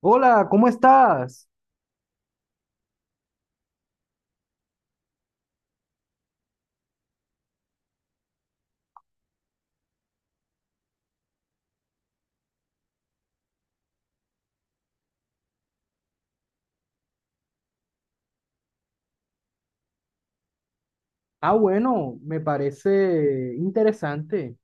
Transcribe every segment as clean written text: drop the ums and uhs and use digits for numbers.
Hola, ¿cómo estás? Ah, bueno, me parece interesante.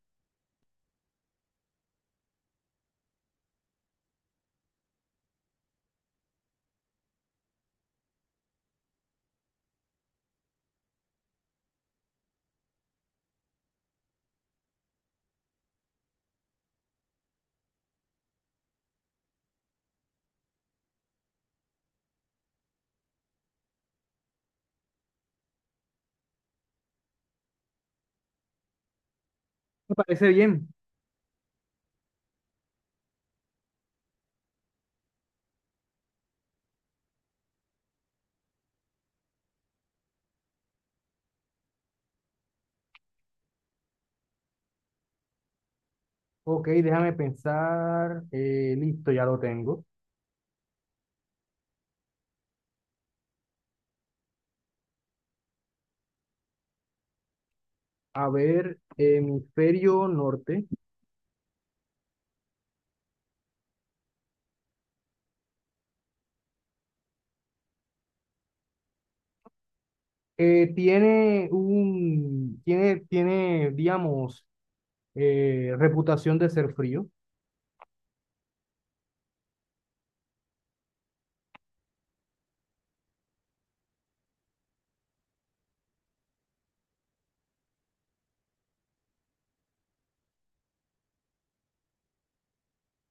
Me parece bien. Ok, déjame pensar. Listo, ya lo tengo. A ver, hemisferio norte. Tiene, digamos, reputación de ser frío.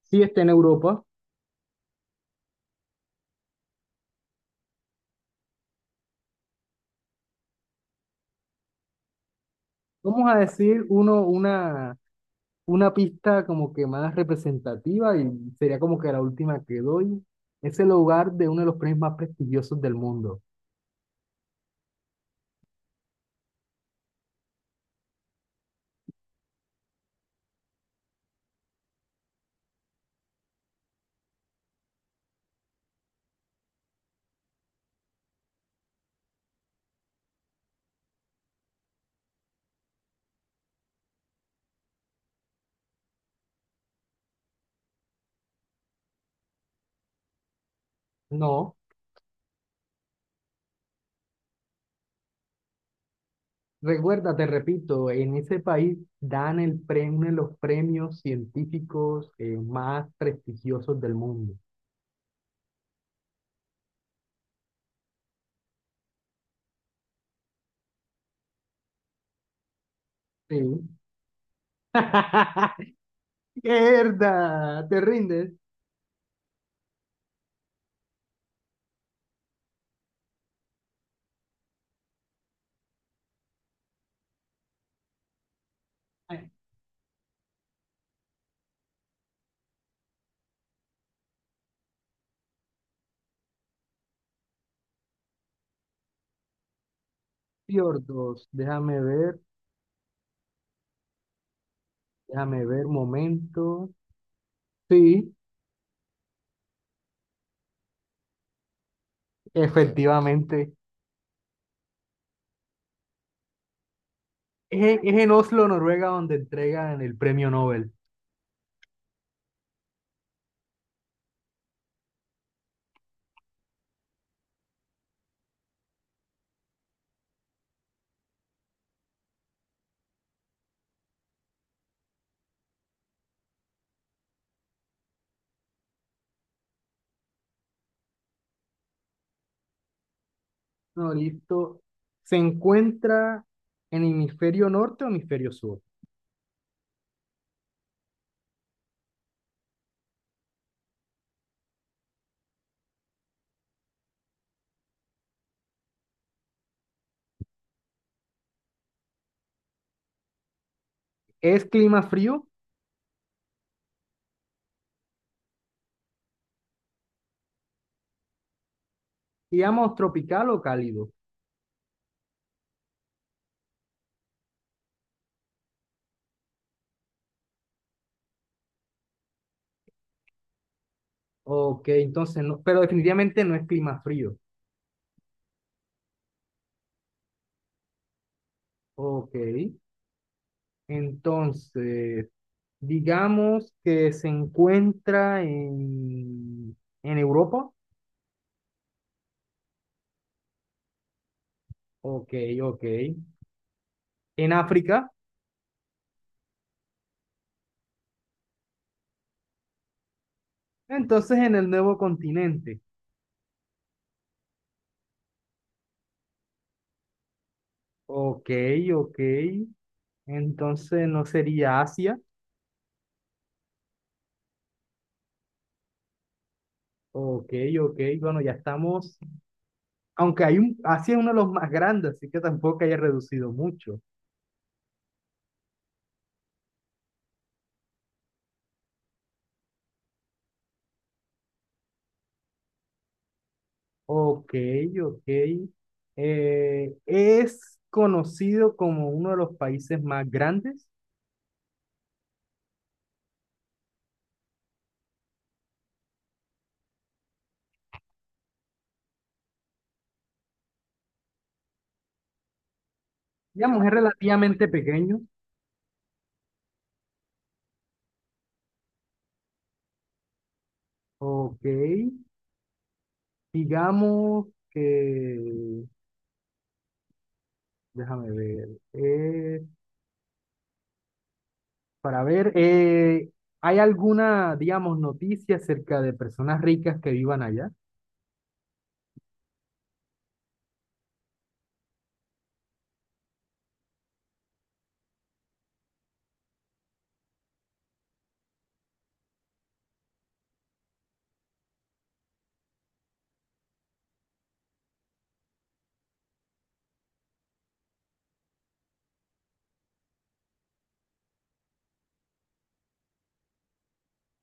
Sí, está en Europa. Vamos a decir uno, una pista como que más representativa y sería como que la última que doy. Es el hogar de uno de los premios más prestigiosos del mundo. No, recuerda, te repito, en ese país dan el premio, uno de los premios científicos más prestigiosos del mundo. Sí. ¡Mierda! ¿Te rindes? Ay, fiordos, déjame ver, momento. Sí, efectivamente. Es en Oslo, Noruega, donde entregan el premio Nobel. No, listo. ¿Se encuentra en hemisferio norte o hemisferio sur? ¿Es clima frío? Digamos, tropical o cálido. Ok, entonces, no, pero definitivamente no es clima frío. Ok, entonces, digamos que se encuentra en Europa. Ok, ok. ¿En África? Entonces, en el nuevo continente. Ok, ok. Entonces no sería Asia. Ok, ok, bueno, ya estamos. Aunque hay un, Asia es uno de los más grandes, así que tampoco haya reducido mucho. Ok, ok. Es conocido como uno de los países más grandes. Digamos, es relativamente pequeño. Ok, digamos que, déjame ver, para ver, ¿hay alguna, digamos, noticia acerca de personas ricas que vivan allá?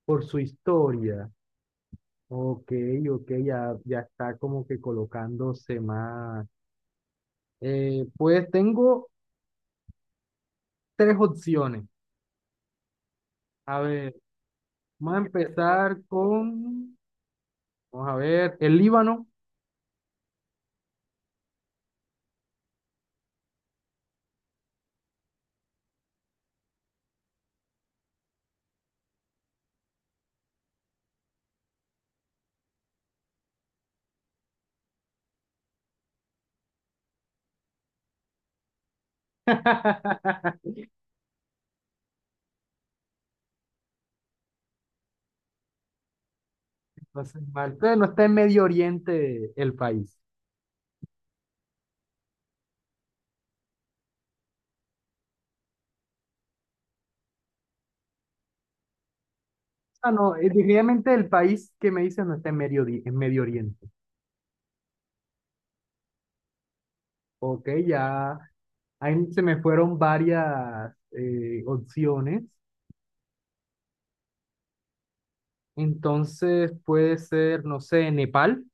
Por su historia. Ok, ok, ya, ya está como que colocándose más. Pues tengo tres opciones. A ver, vamos a empezar con, vamos a ver, el Líbano. Entonces, mal, pero no está en Medio Oriente el país. Ah, no, definitivamente el país que me dice no está en en Medio Oriente. Ok, ya ahí se me fueron varias opciones. Entonces puede ser, no sé, Nepal.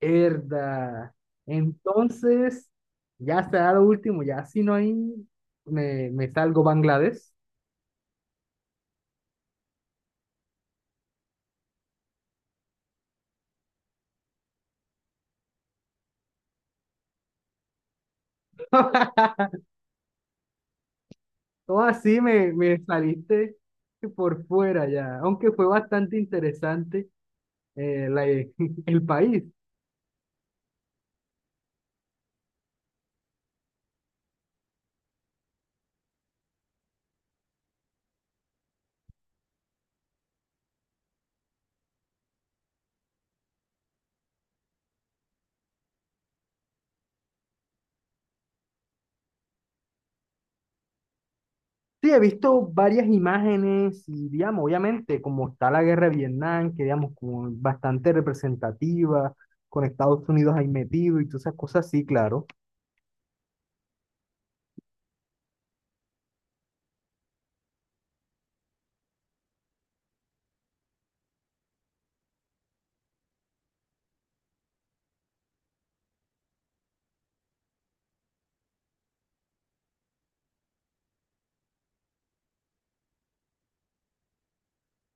Herda. Entonces, ya será lo último, ya si no hay, me salgo Bangladesh. Todo así me saliste por fuera ya, aunque fue bastante interesante eh, la- el país. Sí, he visto varias imágenes y, digamos, obviamente, como está la guerra de Vietnam, que, digamos, como bastante representativa, con Estados Unidos ahí metido y todas esas cosas, sí, claro.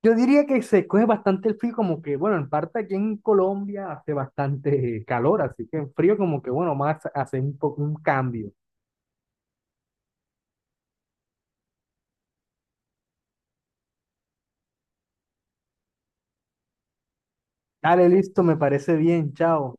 Yo diría que se coge bastante el frío, como que, bueno, en parte aquí en Colombia hace bastante calor, así que en frío como que, bueno, más hace un poco un cambio. Dale, listo, me parece bien, chao.